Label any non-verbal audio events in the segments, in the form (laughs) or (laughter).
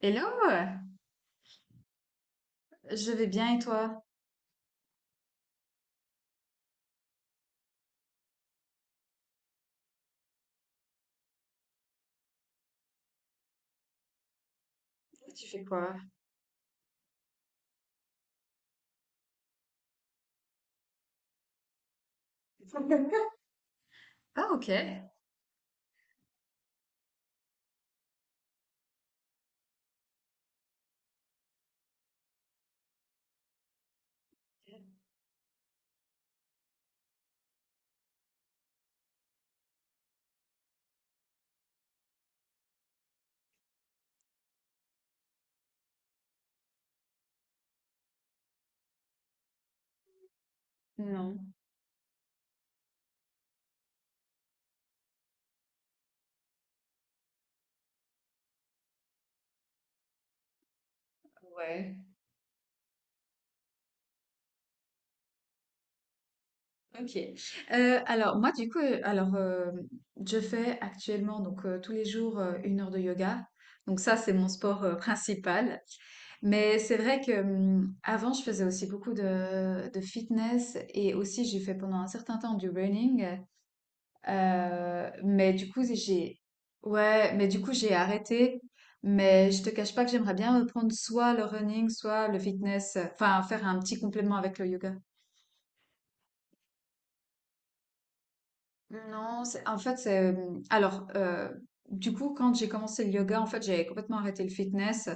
Hello! Je vais bien et toi? Tu fais quoi? (laughs) Ah, ok. Non. Ouais. Ok. Moi, du coup, je fais actuellement, tous les jours, une heure de yoga. Donc, ça, c'est mon sport, principal. Mais c'est vrai que avant, je faisais aussi beaucoup de fitness et aussi j'ai fait pendant un certain temps du running. Mais du coup, ouais, mais du coup, j'ai arrêté. Mais je te cache pas que j'aimerais bien reprendre soit le running, soit le fitness. Enfin, faire un petit complément avec le yoga. Non, en fait, alors, euh, du coup, quand j'ai commencé le yoga, en fait, j'ai complètement arrêté le fitness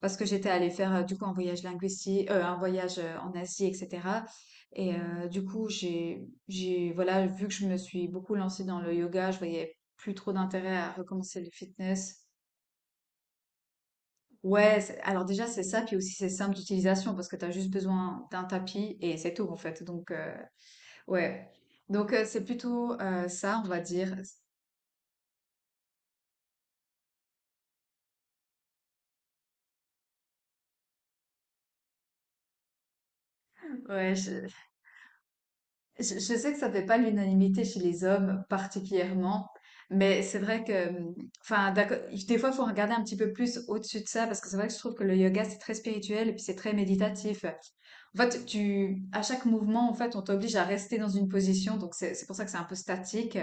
parce que j'étais allée faire, du coup, un voyage linguistique, un voyage en Asie, etc. Et du coup, j'ai, voilà, vu que je me suis beaucoup lancée dans le yoga, je voyais plus trop d'intérêt à recommencer le fitness. Ouais, alors déjà c'est ça, puis aussi c'est simple d'utilisation parce que tu as juste besoin d'un tapis et c'est tout en fait. Ouais, c'est plutôt ça, on va dire. Ouais, je, je sais que ça fait pas l'unanimité chez les hommes particulièrement, mais c'est vrai que, enfin d'accord, des fois il faut regarder un petit peu plus au-dessus de ça parce que c'est vrai que je trouve que le yoga c'est très spirituel et puis c'est très méditatif. En fait, à chaque mouvement, en fait, on t'oblige à rester dans une position, donc c'est pour ça que c'est un peu statique.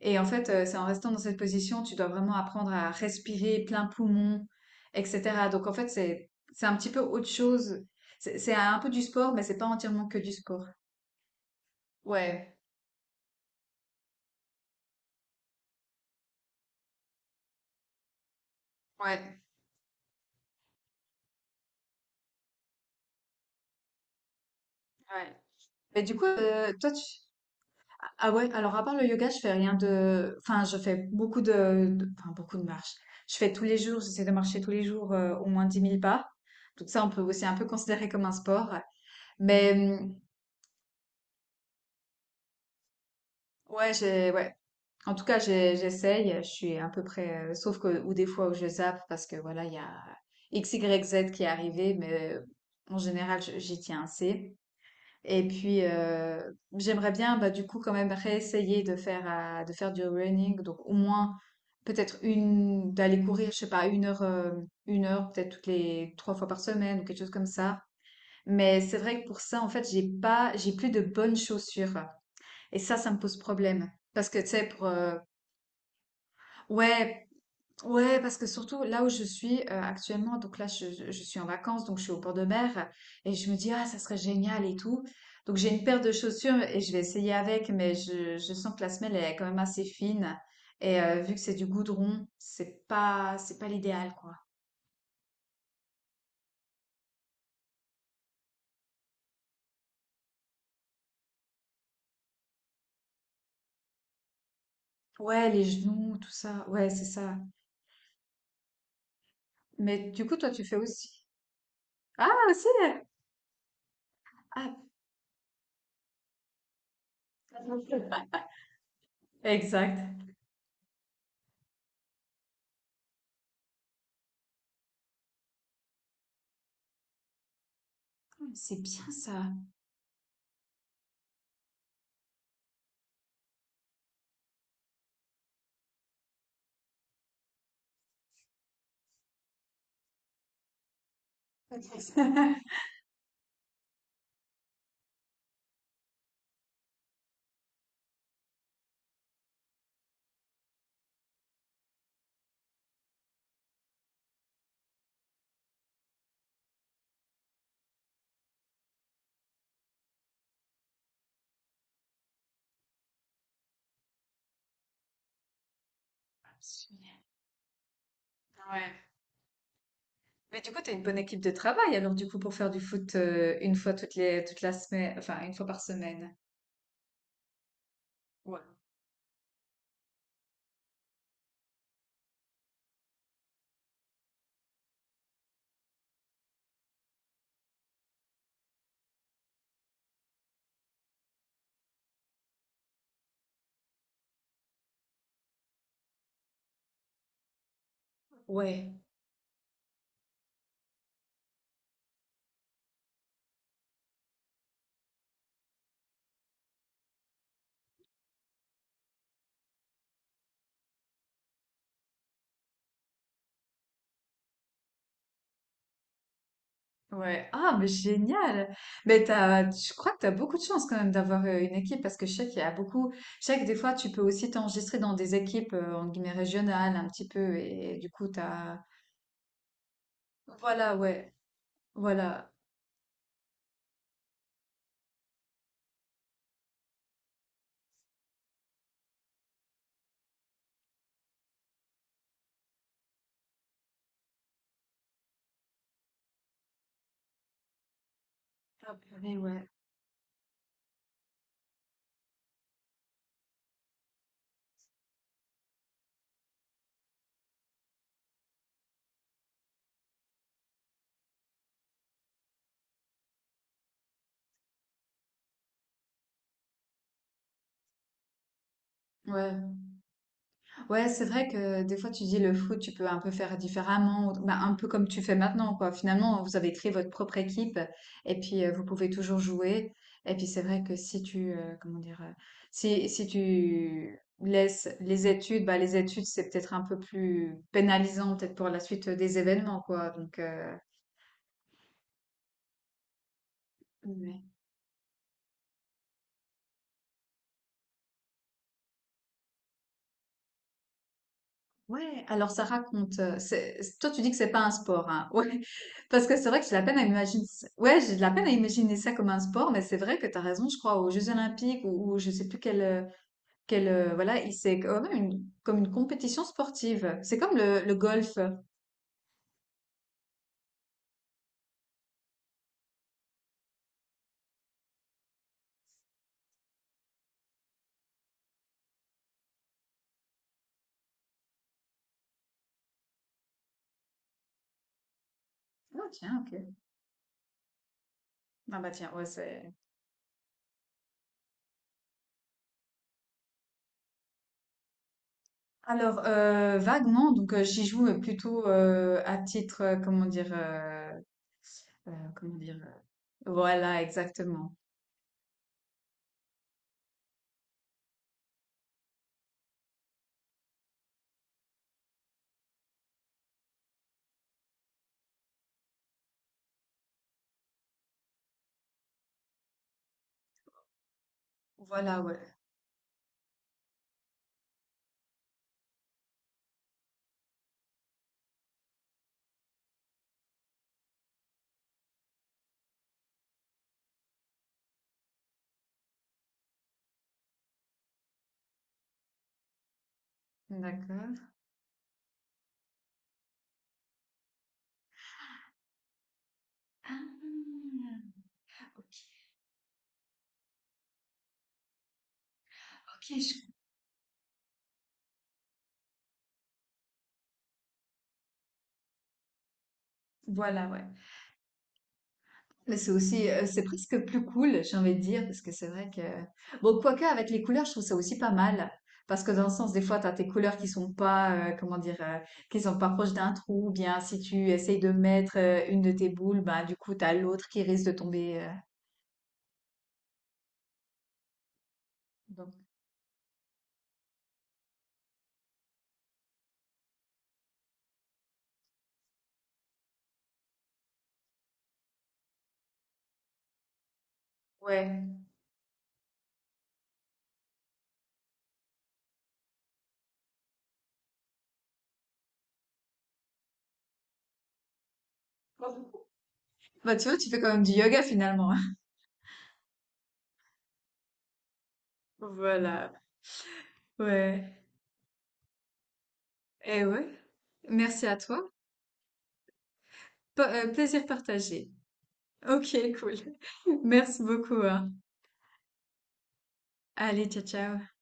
Et en fait, c'est en restant dans cette position, tu dois vraiment apprendre à respirer plein poumon et cetera. Donc en fait, c'est un petit peu autre chose. C'est un peu du sport, mais c'est pas entièrement que du sport. Ouais, ouais, ouais. Mais du coup, toi tu ah ah ouais, alors à part le yoga, je fais rien je fais beaucoup de enfin beaucoup de marches. Je fais tous les jours, J'essaie de marcher tous les jours, au moins 10 000 pas. Donc ça, on peut aussi un peu considérer comme un sport. Mais, ouais, j'ai ouais. En tout cas, j'essaye, je suis à peu près, sauf que, ou des fois où je zappe parce que voilà, il y a X, Y, Z qui est arrivé, mais en général, j'y tiens assez. Et puis, j'aimerais bien, bah, du coup, quand même réessayer de faire du running, donc au moins, d'aller courir, je sais pas, une heure, peut-être toutes les trois fois par semaine ou quelque chose comme ça. Mais c'est vrai que pour ça, en fait, j'ai pas, j'ai plus de bonnes chaussures. Et ça me pose problème. Parce que, tu sais, pour, Ouais, Ouais, parce que surtout là où je suis actuellement, donc là je suis en vacances, donc je suis au bord de mer et je me dis ah ça serait génial et tout. Donc j'ai une paire de chaussures et je vais essayer avec, mais je sens que la semelle elle est quand même assez fine et vu que c'est du goudron, c'est pas l'idéal quoi. Ouais, les genoux, tout ça, ouais c'est ça. Mais du coup toi tu fais aussi. Ah aussi. Ah exact. C'est bien ça. (laughs) Ouais. Mais du coup, tu as une bonne équipe de travail, alors du coup, pour faire du foot une fois toutes les, toute la semaine, enfin, une fois par semaine. Ouais. Ouais, ouais. Ah, mais génial! Mais je crois que tu as beaucoup de chance quand même d'avoir une équipe parce que je sais qu'il y a beaucoup. Je sais que des fois, tu peux aussi t'enregistrer dans des équipes, en guillemets, régionales un petit peu et, du coup, t'as. Voilà, ouais. Voilà. Ah, purée, ouais. Ouais. Ouais, c'est vrai que des fois tu dis le foot, tu peux un peu faire différemment, bah, un peu comme tu fais maintenant, quoi. Finalement, vous avez créé votre propre équipe et puis vous pouvez toujours jouer. Et puis c'est vrai que si comment dire, si tu laisses les études, bah, les études c'est peut-être un peu plus pénalisant peut-être pour la suite des événements, quoi. Donc, Ouais, alors ça raconte. Toi, tu dis que c'est pas un sport, hein. Ouais, (laughs) parce que c'est vrai que j'ai de la peine à imaginer. Ouais, j'ai de la peine à imaginer ça comme un sport, mais c'est vrai que t'as raison. Je crois aux Jeux Olympiques ou je sais plus voilà, c'est quand même comme une compétition sportive. C'est comme le golf. Ah tiens, ok. Ah bah tiens, ouais, c'est. Alors vaguement, donc j'y joue plutôt à titre, comment dire. Voilà, exactement. Voilà, ouais. D'accord. Voilà, ouais. Mais c'est aussi, c'est presque plus cool, j'ai envie de dire, parce que c'est vrai que bon, quoique avec les couleurs, je trouve ça aussi pas mal. Parce que dans le sens, des fois, t'as tes couleurs qui sont pas, comment dire? Qui sont pas proches d'un trou ou bien si tu essayes de mettre, une de tes boules, ben du coup, t'as l'autre qui risque de tomber, donc Ouais. Bah, tu vois, tu fais quand même du yoga finalement, (laughs) Voilà, ouais et ouais. Merci à toi. Pe plaisir partagé. OK, cool. (laughs) Merci beaucoup, hein. Allez, ciao, ciao.